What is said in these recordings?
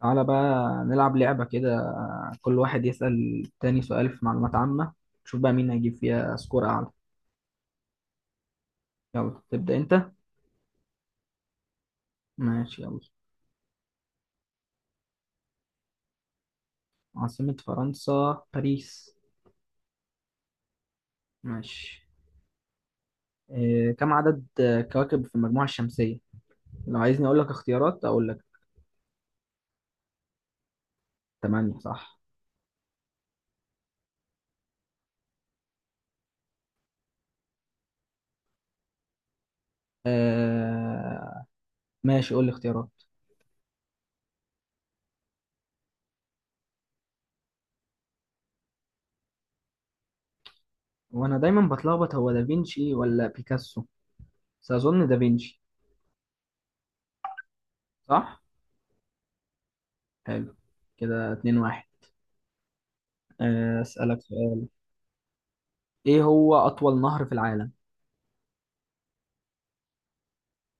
تعالى بقى نلعب لعبة كده. كل واحد يسأل التاني سؤال في معلومات عامة. نشوف بقى مين هيجيب فيها سكور أعلى. يلا تبدأ أنت. ماشي يلا. عاصمة فرنسا باريس. ماشي. إيه كم عدد كواكب في المجموعة الشمسية؟ لو عايزني أقول لك اختيارات أقول لك. تمانية صح. آه ماشي، قول لي اختيارات. وأنا دايما بتلخبط هو دافينشي ولا بيكاسو، بس أظن دافينشي. صح. حلو، كده اتنين واحد. أسألك. ايه هو اطول نهر في العالم؟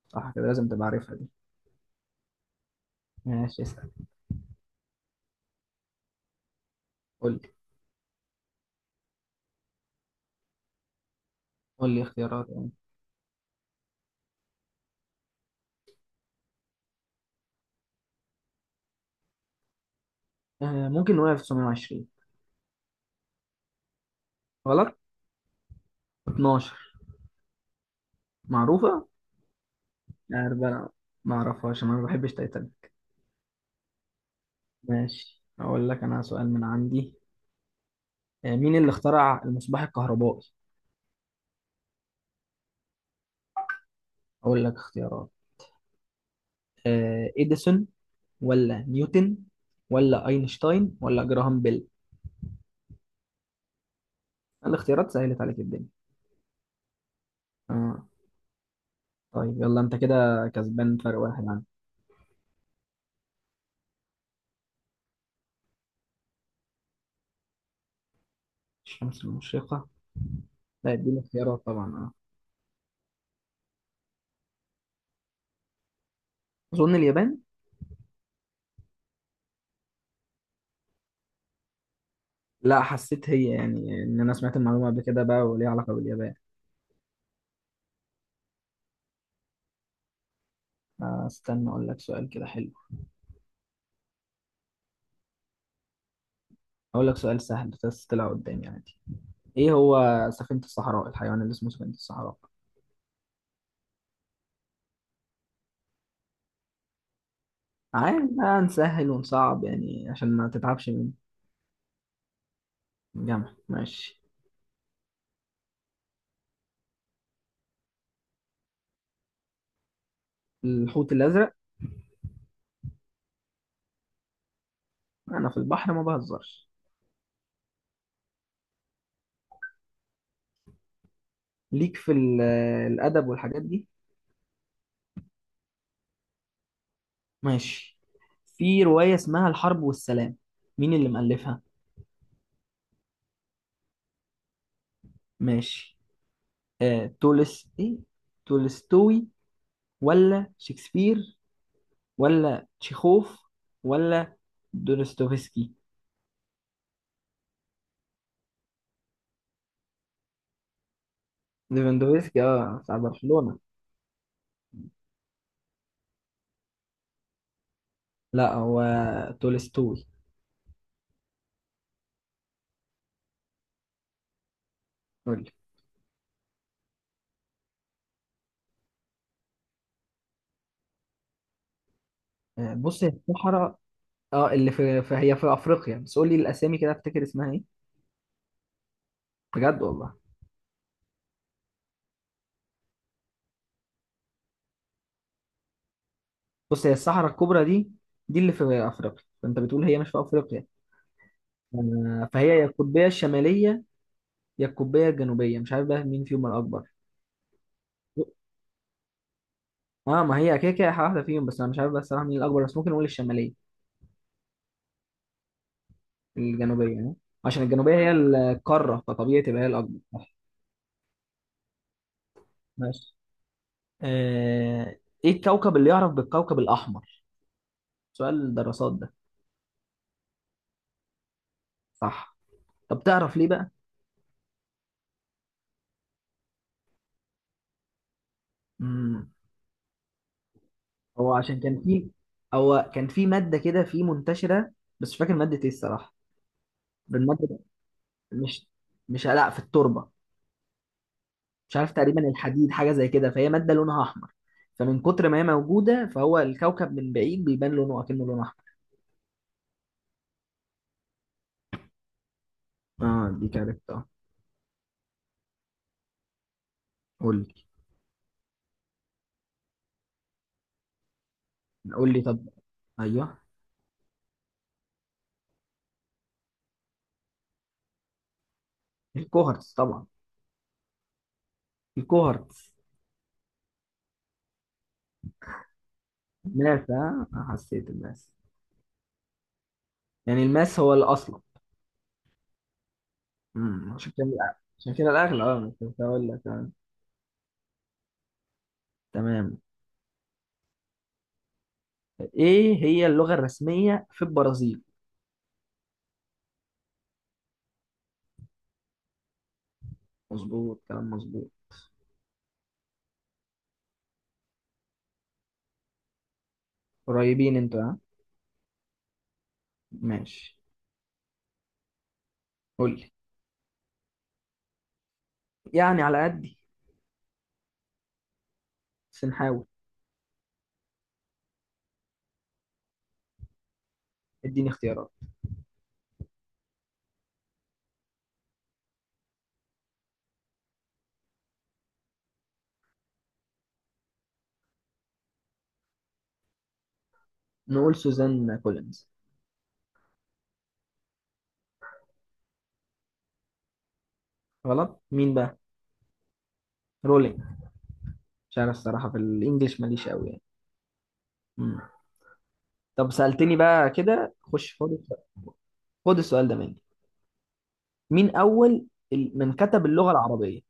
صح كده لازم تبقى عارفها دي. ماشي اسال. قول لي. قول لي اختيارات يعني. ممكن نقول 1920. غلط. 12. معروفه. عارف انا، ما اعرفهاش، انا ما بحبش تايتانيك. ماشي، اقول لك انا سؤال من عندي. مين اللي اخترع المصباح الكهربائي؟ اقول لك اختيارات. اديسون ولا نيوتن ولا اينشتاين ولا جراهام بيل. الاختيارات سهلت عليك الدنيا. آه. طيب يلا، انت كده كسبان فرق واحد عنك. الشمس المشرقة. لا اديني خيارات طبعا، اه. اظن اليابان. لا حسيت هي يعني ان انا سمعت المعلومه قبل كده بقى وليها علاقه باليابان. استنى اقول لك سؤال كده حلو. اقول لك سؤال سهل بس طلع قدامي عادي. ايه هو سفينه الصحراء، الحيوان اللي اسمه سفينه الصحراء؟ عادي بقى نسهل ونصعب يعني عشان ما تتعبش من الجامعه. ماشي. الحوت الازرق. انا في البحر ما بهزرش. ليك في الادب والحاجات دي. ماشي. في روايه اسمها الحرب والسلام، مين اللي مؤلفها؟ ماشي. آه، تولس ايه تولستوي ولا شكسبير ولا تشيخوف ولا دونستوفسكي. ليفاندوفسكي، بتاع برشلونة. لا هو تولستوي. قول لي. بص هي الصحراء. اه اللي هي في افريقيا، بس قول لي الاسامي كده، افتكر اسمها ايه. بجد والله؟ بص هي الصحراء الكبرى دي اللي في افريقيا، فانت بتقول هي مش في افريقيا. فهي يا القطبية الشمالية يا القطبية الجنوبية. مش عارف بقى مين فيهم الأكبر. اه ما هي كده كده واحدة فيهم، بس انا مش عارف بس صراحة مين الأكبر، بس ممكن نقول الشمالية. الجنوبية يعني، عشان الجنوبية هي القارة فطبيعي تبقى هي الأكبر، صح. ماشي. آه... ايه الكوكب اللي يعرف بالكوكب الأحمر؟ سؤال الدراسات ده. صح. طب تعرف ليه بقى؟ مم. هو عشان كان في هو كان في مادة كده في منتشرة. بس مش فاكر مادة ايه الصراحة، المادة. مش مش لا في التربة، مش عارف، تقريبا الحديد حاجه زي كده فهي ماده لونها احمر. فمن كتر ما هي موجوده، فهو الكوكب من بعيد بيبان لونه اكنه لون احمر. اه دي كاركت، اه. قول لي. قول لي طب. ايوه. الكوهرتز طبعا. الكوهرتز. ماس، حسيت الماس يعني. الماس هو الاصل. عشان كده عشان كده الاغلى، كنت هقول لك. تمام. ايه هي اللغه الرسميه في البرازيل؟ مظبوط، كلام مظبوط. قريبين انتوا ها. ماشي. قول لي. يعني على قدي بس نحاول. اديني اختيارات. نقول سوزان كولينز. غلط؟ مين بقى؟ رولينج. مش عارف الصراحة، في الانجليش ماليش قوي يعني. مم. طب سألتني بقى كده، خش خد السؤال. خد السؤال ده مني. مين أول من كتب اللغة العربية؟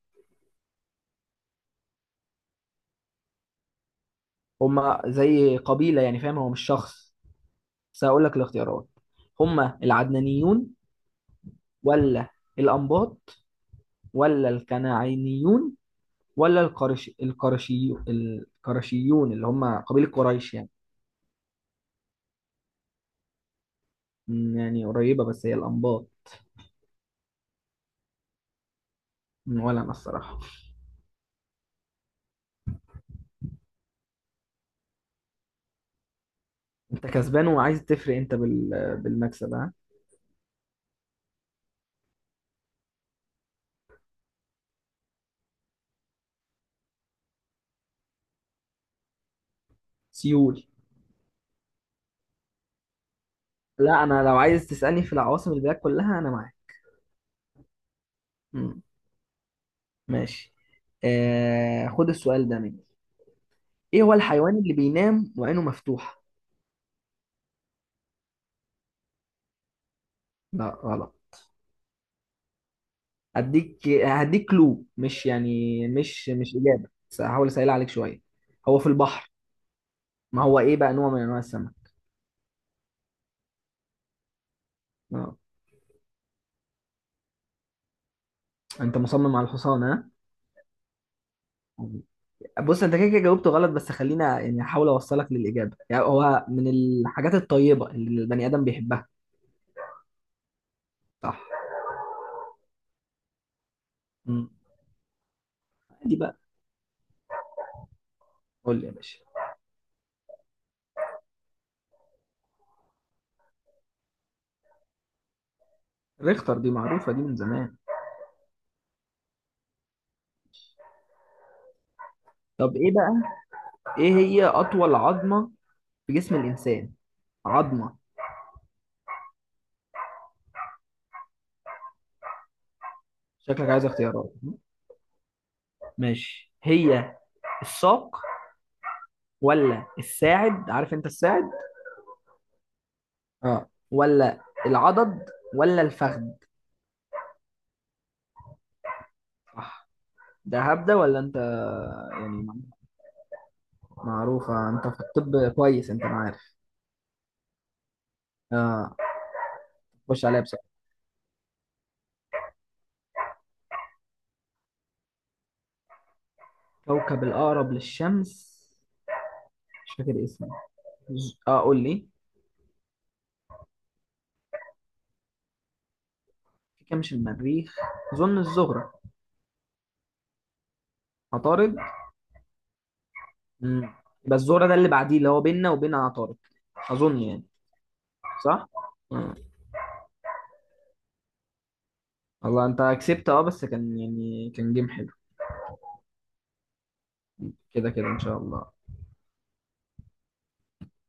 هما زي قبيلة يعني فاهم، هو مش شخص. بس هقول لك الاختيارات. هما العدنانيون ولا الأنباط ولا الكنعانيون ولا القرشيون اللي هما قبيلة قريش يعني. مم، يعني قريبة بس هي الأنباط. ولا انا الصراحه. انت كسبان وعايز تفرق انت بالمكسب ها. سيول. لا انا لو عايز تسالني في العواصم البلاد كلها انا معاك. مم. ماشي. خد السؤال ده مني. ايه هو الحيوان اللي بينام وعينه مفتوحه؟ لا غلط. هديك كلو مش يعني مش اجابه، بس هحاول اسهل عليك شويه. هو في البحر. ما هو ايه بقى، نوع من انواع السمك. آه. انت مصمم على الحصان ها. بص انت كده كده جاوبته غلط، بس خلينا يعني احاول اوصلك للاجابه، يعني هو من الحاجات الطيبه اللي البني ادم بيحبها. صح. مم. دي بقى. قول لي يا باشا. ريختر، دي معروفه دي من زمان. طب ايه بقى؟ ايه هي اطول عظمه في جسم الانسان؟ عظمه. شكلك عايز اختيارات. ماشي، هي الساق ولا الساعد، عارف انت الساعد. اه ولا العضد ولا الفخذ. صح. ده هبده ولا انت يعني؟ معروفه، انت في الطب كويس انت معايا. اه، خش عليا بسرعة. كوكب الأقرب للشمس. مش فاكر اسمه. قول لي. في كام، مش المريخ. أظن الزهرة. عطارد. مم. يبقى الزهرة ده اللي بعديه اللي هو بيننا وبين عطارد، أظن يعني. صح؟ مم. والله أنت كسبت. اه بس كان يعني كان جيم حلو. كده كده إن شاء الله.